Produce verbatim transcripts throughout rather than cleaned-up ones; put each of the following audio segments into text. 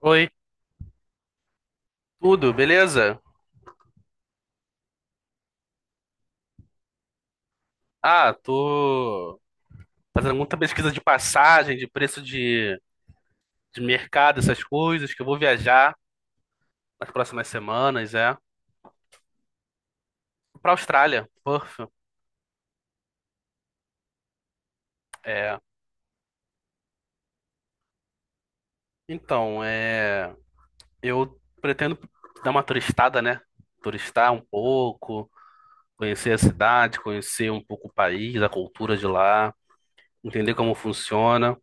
Oi, tudo, beleza? Ah, tô fazendo muita pesquisa de passagem, de preço de, de mercado, essas coisas, que eu vou viajar nas próximas semanas, é. Pra Austrália, Perth, é. Então, é. Eu pretendo dar uma turistada, né? Turistar um pouco, conhecer a cidade, conhecer um pouco o país, a cultura de lá, entender como funciona.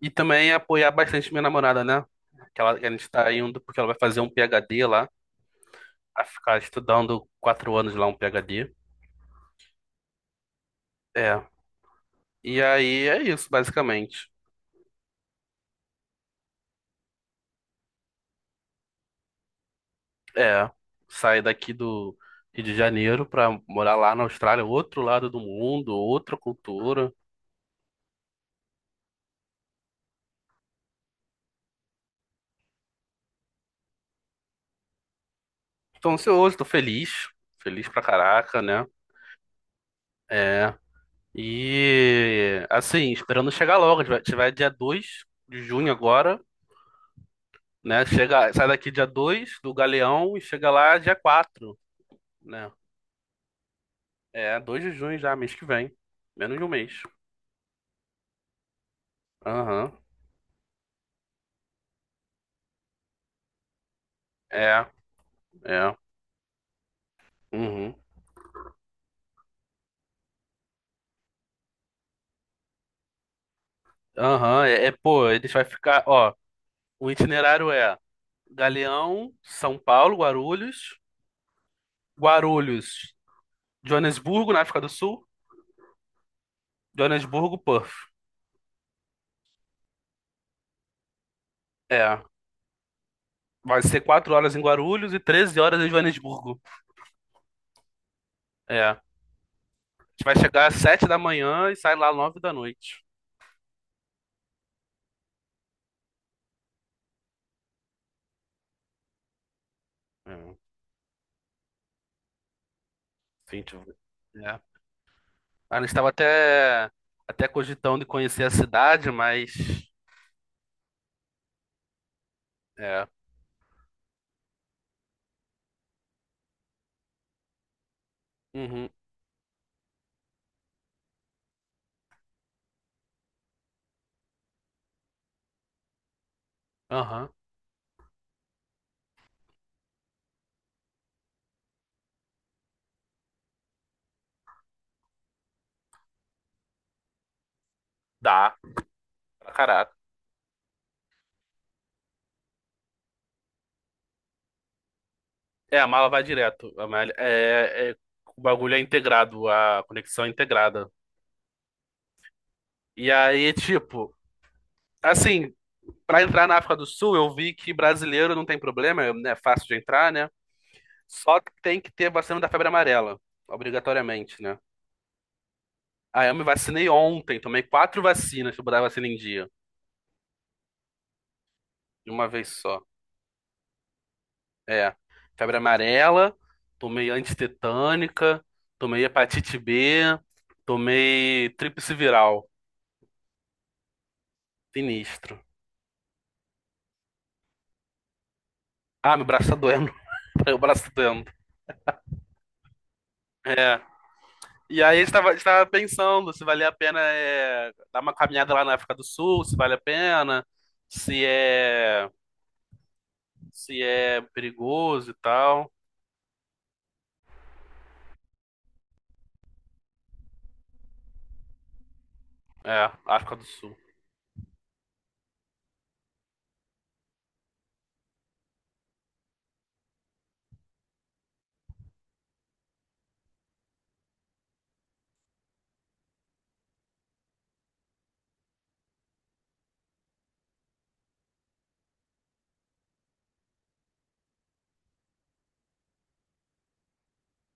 E também apoiar bastante minha namorada, né? Que ela, que a gente tá indo porque ela vai fazer um PhD lá. A ficar estudando quatro anos lá um PhD. É. E aí é isso, basicamente. É. Sair daqui do Rio de Janeiro pra morar lá na Austrália, outro lado do mundo, outra cultura. Tô ansioso, tô feliz. Feliz pra caraca, né? É. E assim, esperando chegar logo. A gente vai- a gente vai dia dois de junho agora, né? Chega, sai daqui dia dois do Galeão e chega lá dia quatro, né? É, dois de junho já, mês que vem. Menos de um mês. Aham. É, é. Uhum. Aham, é, é, pô, eles vai ficar, ó, o itinerário é Galeão, São Paulo, Guarulhos, Guarulhos, Joanesburgo, na África do Sul, Joanesburgo, Perth. É, vai ser quatro horas em Guarulhos e treze horas em Joanesburgo. É, a gente vai chegar às sete da manhã e sai lá nove da noite. É, vinte, é. A gente estava até, até cogitando de conhecer a cidade, mas, é, uhum, aham, dá, pra caraca. É, a mala vai direto. A malha- é, é- O bagulho é integrado, a conexão é integrada. E aí, tipo, assim, pra entrar na África do Sul, eu vi que brasileiro não tem problema, é né, fácil de entrar, né? Só que tem que ter vacina da febre amarela, obrigatoriamente, né? Aí eu me vacinei ontem, tomei quatro vacinas pra botar a vacina em dia, de uma vez só. É, febre amarela, tomei antitetânica, tomei hepatite B, tomei tríplice viral, sinistro. Ah, meu braço tá doendo. Meu braço tá doendo. É. E aí a gente tava, a gente tava pensando se valia a pena é, dar uma caminhada lá na África do Sul, se vale a pena, se é, se é perigoso e tal. É, África do Sul.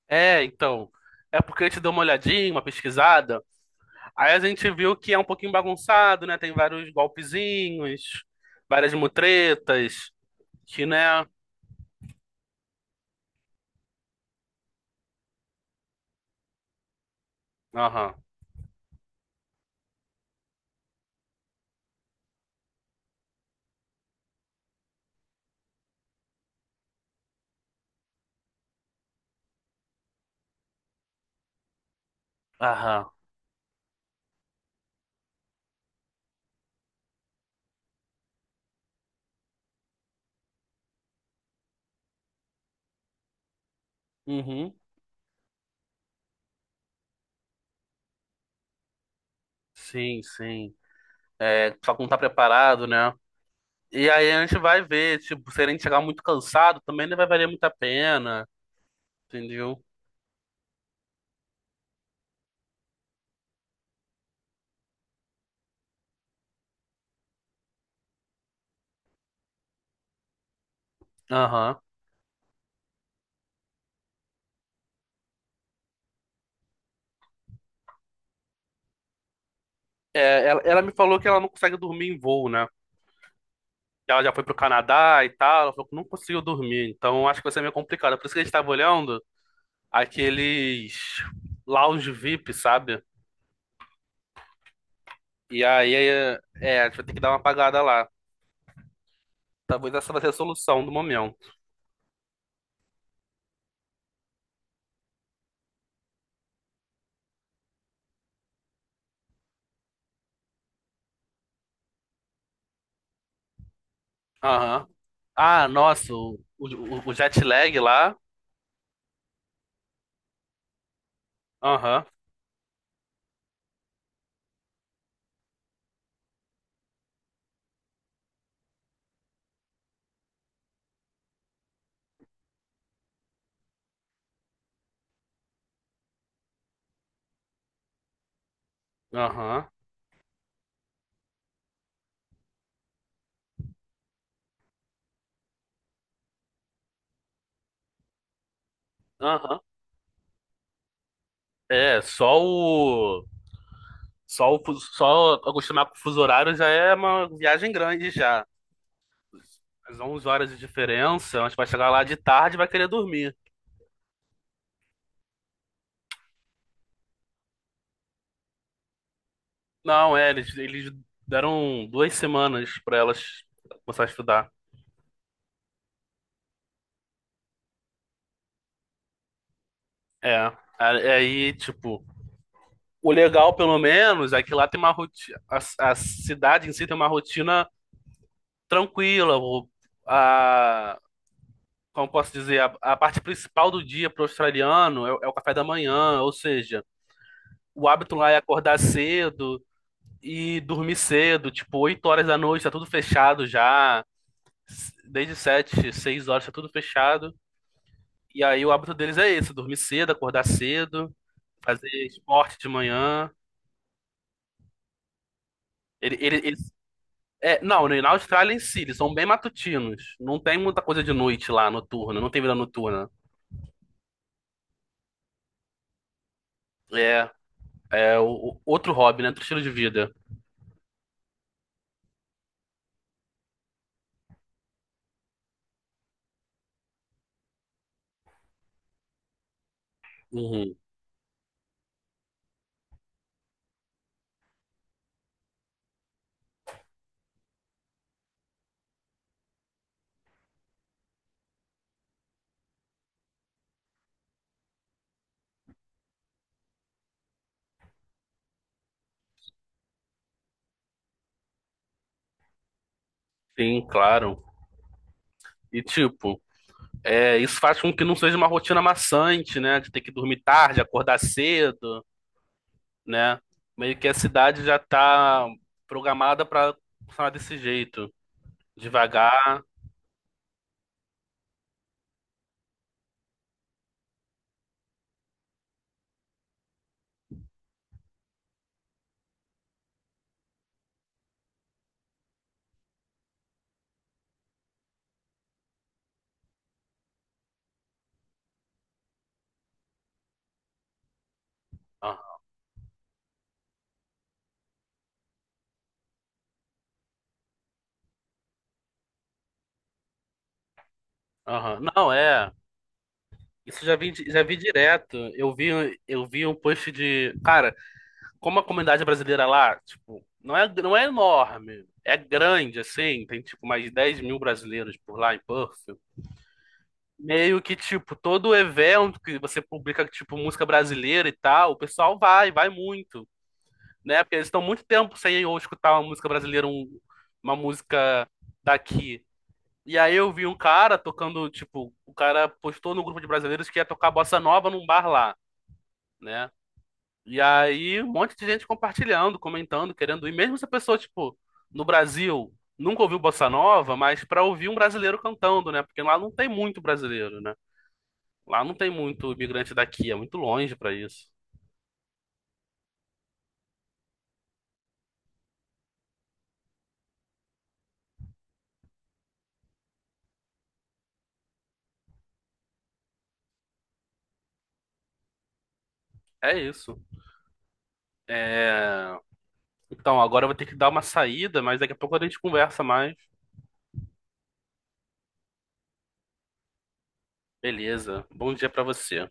É, então. É porque a gente deu uma olhadinha, uma pesquisada. Aí a gente viu que é um pouquinho bagunçado, né? Tem vários golpezinhos, várias mutretas, que, né? Aham. Aham. Uhum. Sim, sim. É, só que não tá preparado, né? E aí a gente vai ver, tipo, se a gente chegar muito cansado, também não vai valer muito a pena, entendeu? Aham. É, ela, ela me falou que ela não consegue dormir em voo, né? Que ela já foi pro Canadá e tal, ela falou que não conseguiu dormir, então acho que vai ser meio complicado. Por isso que a gente tava olhando aqueles lounge V I P, sabe? E aí, é, é, a gente vai ter que dar uma apagada lá. Talvez essa vai ser a solução do momento. Aham. Ah, nossa, o, o, o jet lag lá. Aham, aham. Aham. É, só o. Só o. fuso- Só acostumar com o fuso horário já é uma viagem grande já. As onze horas de diferença, mas vai chegar lá de tarde e vai querer dormir. Não, é, eles, eles deram duas semanas pra elas começar a estudar. É. a- Aí, tipo, o legal, pelo menos, é que lá tem uma rotina. A, a cidade em si tem uma rotina tranquila. o- A, Como posso dizer, a, a parte principal do dia para o australiano é, o- é o café da manhã, ou seja, o hábito lá é acordar cedo e dormir cedo, tipo, oito horas da noite, tá tudo fechado já, s- desde sete seis horas tá tudo fechado. E aí o hábito deles é esse, dormir cedo, acordar cedo, fazer esporte de manhã. Ele, ele, eles- é, não, né, na Austrália em si, eles são bem matutinos. Não tem muita coisa de noite lá, noturna, não tem vida noturna. É, é o, o- outro hobby, né? Outro estilo de vida. Uhum. Sim, claro. E tipo, é, isso faz com que não seja uma rotina maçante, né? De ter que dormir tarde, acordar cedo, né? Meio que a cidade já tá programada para funcionar desse jeito, devagar. Ah, aham. Não, é. Isso já vi, já vi direto. Eu vi, eu vi um post de, cara, como a comunidade brasileira lá, tipo, não é, não é enorme, é grande assim, tem tipo mais dez mil brasileiros por lá em Perth. Meio que, tipo, todo evento que você publica, tipo, música brasileira e tal, o pessoal vai, vai muito, né? Porque eles estão muito tempo sem eu escutar uma música brasileira, um- uma música daqui. E aí eu vi um cara tocando, tipo, o cara postou no grupo de brasileiros que ia tocar bossa nova num bar lá, né? E aí um monte de gente compartilhando, comentando, querendo ir. Mesmo se a pessoa, tipo, no Brasil nunca ouviu bossa nova, mas pra ouvir um brasileiro cantando, né? Porque lá não tem muito brasileiro, né? Lá não tem muito imigrante daqui, é muito longe pra isso. É isso. É... Então, agora eu vou ter que dar uma saída, mas daqui a pouco a gente conversa mais. Beleza. Bom dia pra você.